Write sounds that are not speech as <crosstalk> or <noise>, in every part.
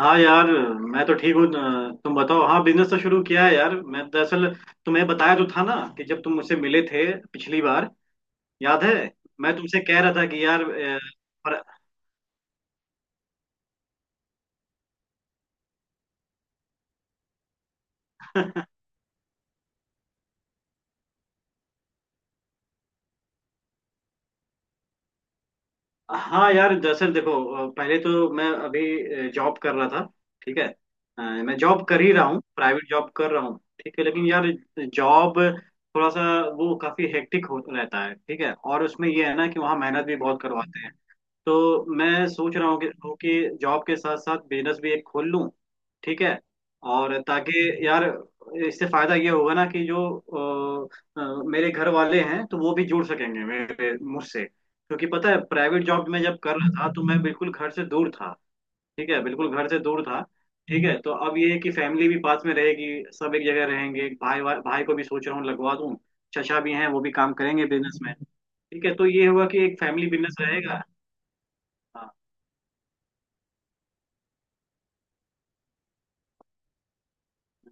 हाँ यार। मैं तो ठीक हूँ, तुम बताओ। हाँ, बिजनेस तो शुरू किया है यार। मैं दरअसल तुम्हें बताया तो था ना कि जब तुम मुझसे मिले थे पिछली बार, याद है? मैं तुमसे कह रहा था कि यार पर, <laughs> हाँ यार दरअसल देखो, पहले तो मैं अभी जॉब कर रहा था। ठीक है, मैं जॉब कर ही रहा हूँ, प्राइवेट जॉब कर रहा हूँ। ठीक है, लेकिन यार जॉब थोड़ा सा वो काफी हेक्टिक हो रहता है। ठीक है, और उसमें ये है ना कि वहाँ मेहनत भी बहुत करवाते हैं। तो मैं सोच रहा हूँ कि जॉब के साथ साथ बिजनेस भी एक खोल लूँ। ठीक है, और ताकि यार इससे फायदा ये होगा ना कि जो मेरे घर वाले हैं तो वो भी जुड़ सकेंगे मेरे मुझसे, क्योंकि पता है प्राइवेट जॉब में जब कर रहा था तो मैं बिल्कुल घर से दूर था। ठीक है, बिल्कुल घर से दूर था। ठीक है, तो अब ये है कि फैमिली भी पास में रहेगी, सब एक जगह रहेंगे। भाई, भाई को भी सोच रहा हूँ लगवा दूँ। चचा भी हैं, वो भी काम करेंगे बिजनेस में। ठीक है, तो ये होगा कि एक फैमिली बिजनेस रहेगा। हाँ।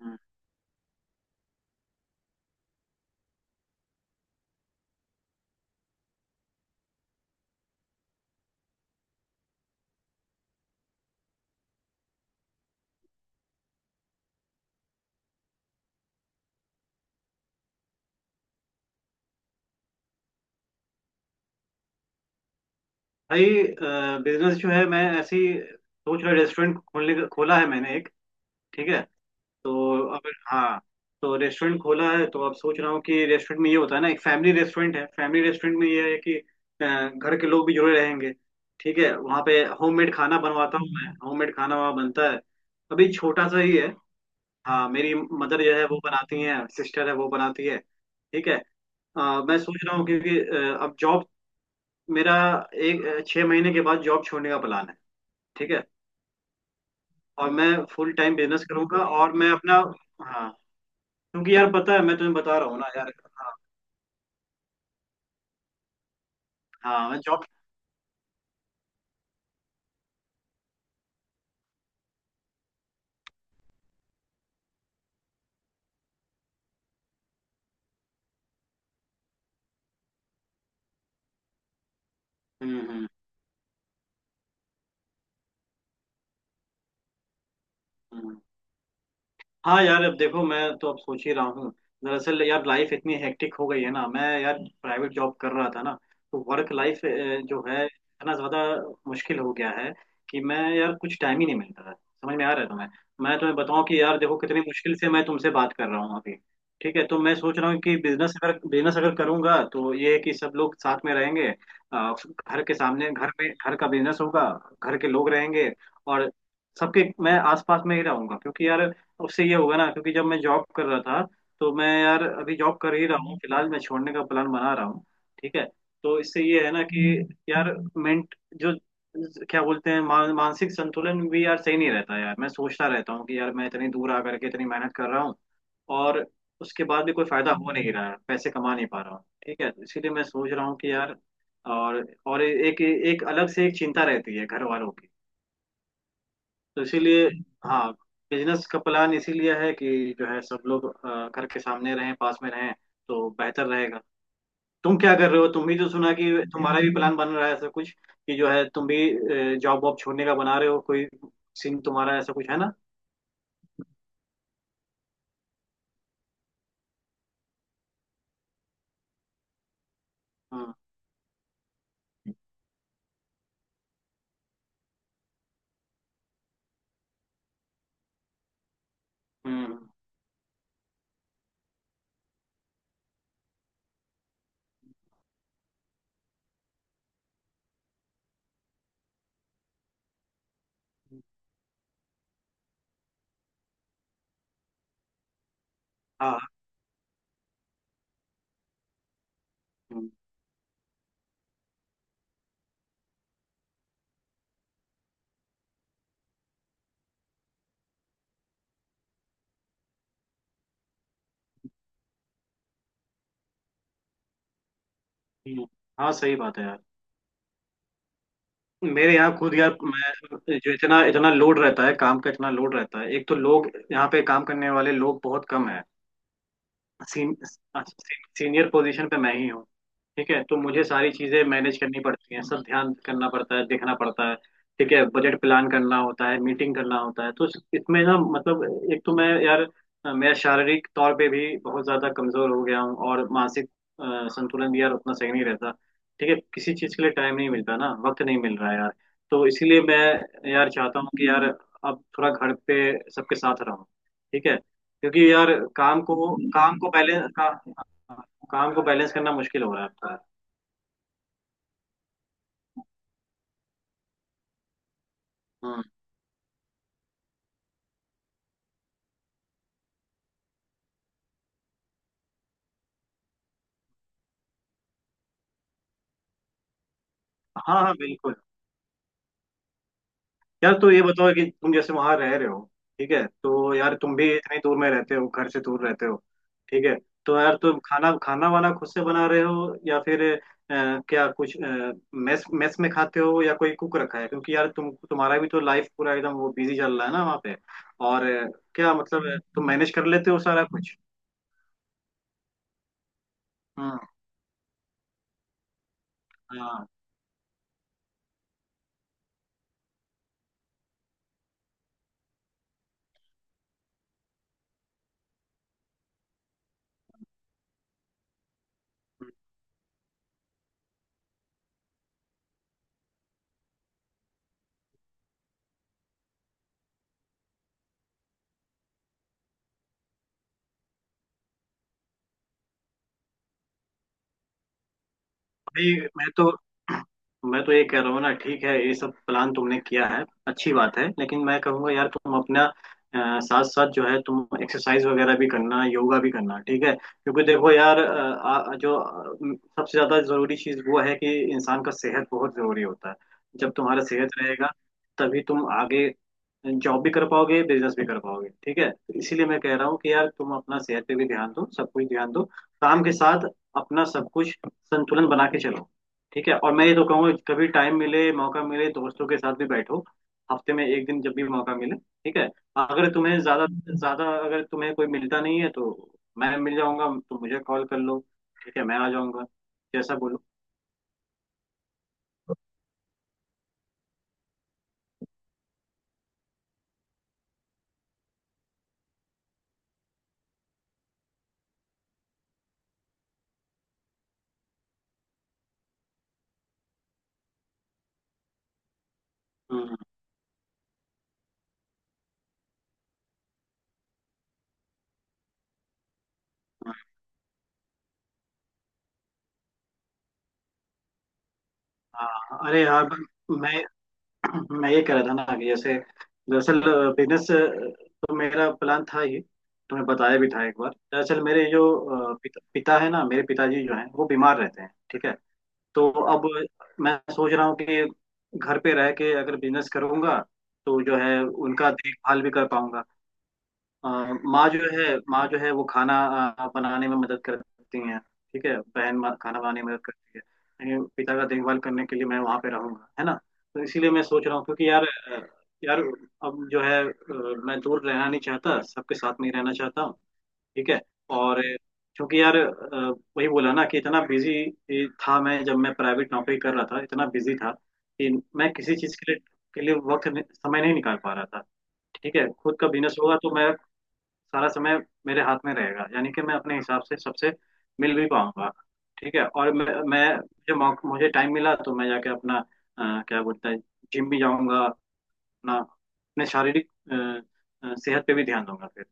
हम्म। भाई, बिजनेस जो है मैं ऐसे ही सोच रहा रेस्टोरेंट खोलने का, खोला है मैंने एक। ठीक है, तो अब हाँ, तो रेस्टोरेंट खोला है। तो अब सोच रहा हूँ कि रेस्टोरेंट में ये होता है ना, एक फैमिली रेस्टोरेंट है। फैमिली रेस्टोरेंट में ये है कि घर के लोग भी जुड़े रहेंगे। ठीक है, वहाँ पे होममेड खाना बनवाता हूँ मैं, होममेड खाना वहाँ बनता है। अभी छोटा सा ही है। हाँ, मेरी मदर जो है वो बनाती है, सिस्टर है वो बनाती है। ठीक है, अ, मैं सोच रहा हूँ क्योंकि अब जॉब मेरा एक 6 महीने के बाद जॉब छोड़ने का प्लान है। ठीक है, और मैं फुल टाइम बिजनेस करूंगा और मैं अपना, हाँ क्योंकि यार पता है मैं तुम्हें बता रहा हूँ ना यार। हाँ हाँ। मैं जॉब। हम्म। हम्म। हाँ यार अब देखो मैं तो अब सोच ही रहा हूँ। दरअसल यार लाइफ इतनी हेक्टिक हो गई है ना, मैं यार प्राइवेट जॉब कर रहा था ना, तो वर्क लाइफ जो है इतना ज्यादा मुश्किल हो गया है कि मैं यार कुछ टाइम ही नहीं मिलता है। समझ में आ रहा है तुम्हें? मैं तुम्हें बताऊँ कि यार देखो कितनी मुश्किल से मैं तुमसे बात कर रहा हूँ अभी। ठीक है, तो मैं सोच रहा हूँ कि बिजनेस अगर करूंगा तो ये है कि सब लोग साथ में रहेंगे। अ, घर के सामने, घर में, घर का बिजनेस होगा, घर के लोग रहेंगे, और सबके मैं आसपास में ही रहूंगा। क्योंकि यार उससे ये होगा ना, क्योंकि जब मैं जॉब कर रहा था, तो मैं यार, अभी जॉब कर ही रहा हूँ, फिलहाल मैं छोड़ने का प्लान बना रहा हूँ। ठीक है, तो इससे ये है ना कि यार मेंट जो क्या बोलते हैं मानसिक संतुलन भी यार सही नहीं रहता। यार मैं सोचता रहता हूँ कि यार मैं इतनी दूर आ करके इतनी मेहनत कर रहा हूँ, और उसके बाद भी कोई फायदा हो नहीं रहा है, पैसे कमा नहीं पा रहा हूँ। ठीक है, तो इसीलिए मैं सोच रहा हूँ कि यार, और एक एक अलग से एक चिंता रहती है घर वालों। तो इसीलिए हाँ, बिजनेस का प्लान इसीलिए है कि जो है सब लोग घर के सामने रहें, पास में रहें, तो बेहतर रहेगा। तुम क्या कर रहे हो? तुम भी तो सुना कि तुम्हारा भी प्लान बन रहा है ऐसा कुछ कि जो है तुम भी जॉब वॉब छोड़ने का बना रहे हो, कोई सीन तुम्हारा ऐसा कुछ है ना? हम्म हम्म। हाँ। हम्म, हम्म, हाँ सही बात है यार। मेरे यहाँ खुद यार मैं जो, इतना इतना लोड रहता है काम का, इतना लोड रहता है। एक तो लोग यहाँ पे काम करने वाले लोग बहुत कम है। सीन, सीनियर पोजीशन पे मैं ही हूँ। ठीक है, तो मुझे सारी चीजें मैनेज करनी पड़ती हैं, सब ध्यान करना पड़ता है, देखना पड़ता है। ठीक है, बजट प्लान करना होता है, मीटिंग करना होता है। तो इसमें ना मतलब, एक तो मैं यार मैं शारीरिक तौर पे भी बहुत ज्यादा कमजोर हो गया हूँ, और मानसिक अ, संतुलन भी यार उतना सही नहीं रहता। ठीक है, किसी चीज के लिए टाइम नहीं मिलता ना, वक्त नहीं मिल रहा है यार। तो इसीलिए मैं यार चाहता हूँ कि यार अब थोड़ा घर पे सबके साथ रहूँ। ठीक है, क्योंकि यार काम को बैलेंस का काम को बैलेंस करना मुश्किल हो रहा है आपका। हम्म। हाँ हाँ बिल्कुल। यार तो ये बताओ कि तुम जैसे वहां रह रहे हो, ठीक है, तो यार तुम भी इतनी दूर में रहते हो, घर से दूर रहते हो। ठीक है, तो यार तुम खाना खाना वाना खुद से बना रहे हो, या फिर क्या कुछ मेस मेस में खाते हो, या कोई कुक रखा है? क्योंकि यार तुम, तुम्हारा भी तो लाइफ पूरा एकदम वो बिजी चल रहा है ना वहाँ पे। और क्या मतलब, तुम मैनेज कर लेते हो सारा कुछ? हम्म। हाँ। भाई मैं तो, मैं तो ये कह रहा हूँ ना, ठीक है, ये सब प्लान तुमने किया है अच्छी बात है, लेकिन मैं कहूँगा यार तुम अपना साथ साथ जो है तुम एक्सरसाइज वगैरह भी करना, योगा भी करना। ठीक है, क्योंकि देखो यार जो सबसे ज़्यादा ज़रूरी चीज़ वो है कि इंसान का सेहत बहुत ज़रूरी होता है। जब तुम्हारा सेहत रहेगा, तभी तुम आगे जॉब भी कर पाओगे, बिजनेस भी कर पाओगे। ठीक है, तो इसीलिए मैं कह रहा हूँ कि यार तुम अपना सेहत पे भी ध्यान दो, सब कुछ ध्यान दो, काम के साथ अपना सब कुछ संतुलन बना के चलो। ठीक है, और मैं ये तो कहूंगा कभी टाइम मिले, मौका मिले, दोस्तों के साथ भी बैठो, हफ्ते में एक दिन जब भी मौका मिले। ठीक है, अगर तुम्हें ज्यादा, ज्यादा अगर तुम्हें कोई मिलता नहीं है, तो मैं मिल जाऊंगा, तो मुझे कॉल कर लो। ठीक है, मैं आ जाऊंगा, जैसा बोलो। हम्म, हम्म, हाँ। अरे यार मैं मैं ये कह रहा था ना कि जैसे दरअसल बिजनेस तो मेरा प्लान था ये, तुम्हें बताया भी था एक बार। दरअसल मेरे जो पिता है ना, मेरे पिताजी जो हैं वो बीमार रहते हैं। ठीक है, तो अब मैं सोच रहा हूँ कि घर पे रह के अगर बिजनेस करूंगा, तो जो है उनका देखभाल भी कर पाऊंगा। अ, माँ जो है, माँ जो है वो खाना बनाने में मदद करती हैं। ठीक है, बहन, माँ खाना बनाने में मदद करती है। लेकिन पिता का देखभाल करने के लिए मैं वहाँ पे रहूंगा, है ना? तो इसीलिए मैं सोच रहा हूँ क्योंकि यार यार अब जो है मैं दूर रहना नहीं चाहता, सबके साथ में ही रहना चाहता हूँ। ठीक है, और क्योंकि यार वही बोला ना कि इतना बिजी था मैं, जब मैं प्राइवेट नौकरी कर रहा था इतना बिजी था कि मैं किसी चीज़ के लिए, के लिए वक्त समय नहीं निकाल पा रहा था। ठीक है, खुद का बिजनेस होगा तो मैं सारा समय मेरे हाथ में रहेगा, यानी कि मैं अपने हिसाब से सबसे मिल भी पाऊंगा। ठीक है, और मैं, मुझे टाइम मिला तो मैं जाके अपना क्या बोलते हैं, जिम भी जाऊंगा, अपना, अपने शारीरिक सेहत पे भी ध्यान दूंगा फिर।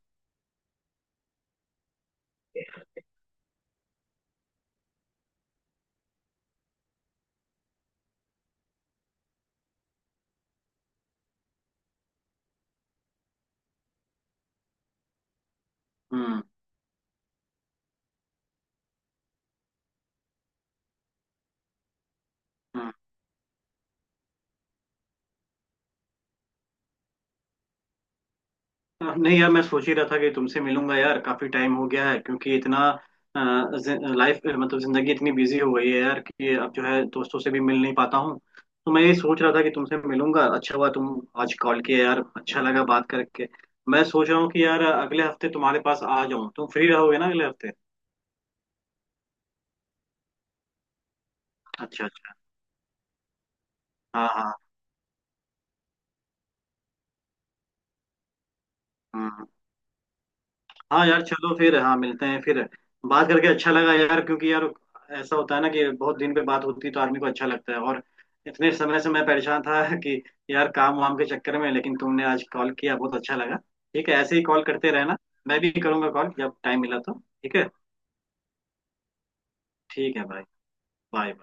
हम्म। हम्म। हाँ, नहीं यार मैं सोच ही रहा था कि तुमसे मिलूंगा यार, काफी टाइम हो गया है क्योंकि इतना लाइफ मतलब जिंदगी इतनी बिजी हो गई है यार कि अब जो है दोस्तों से भी मिल नहीं पाता हूँ। तो मैं ये सोच रहा था कि तुमसे मिलूंगा, अच्छा हुआ तुम आज कॉल किया, यार अच्छा लगा बात करके। मैं सोच रहा हूँ कि यार अगले हफ्ते तुम्हारे पास आ जाऊँ, तुम फ्री रहोगे ना अगले हफ्ते? अच्छा अच्छा। हाँ हाँ। हम्म। हाँ यार चलो फिर, हाँ मिलते हैं फिर। बात करके अच्छा लगा यार, क्योंकि यार ऐसा होता है ना कि बहुत दिन पे बात होती है तो आदमी को अच्छा लगता है। और इतने समय से मैं परेशान था <laughs> कि यार काम वाम के चक्कर में, लेकिन तुमने आज कॉल किया, बहुत अच्छा लगा। ठीक है, ऐसे ही कॉल करते रहना, मैं भी करूँगा कॉल जब टाइम मिला तो। ठीक है। ठीक है भाई। बाय।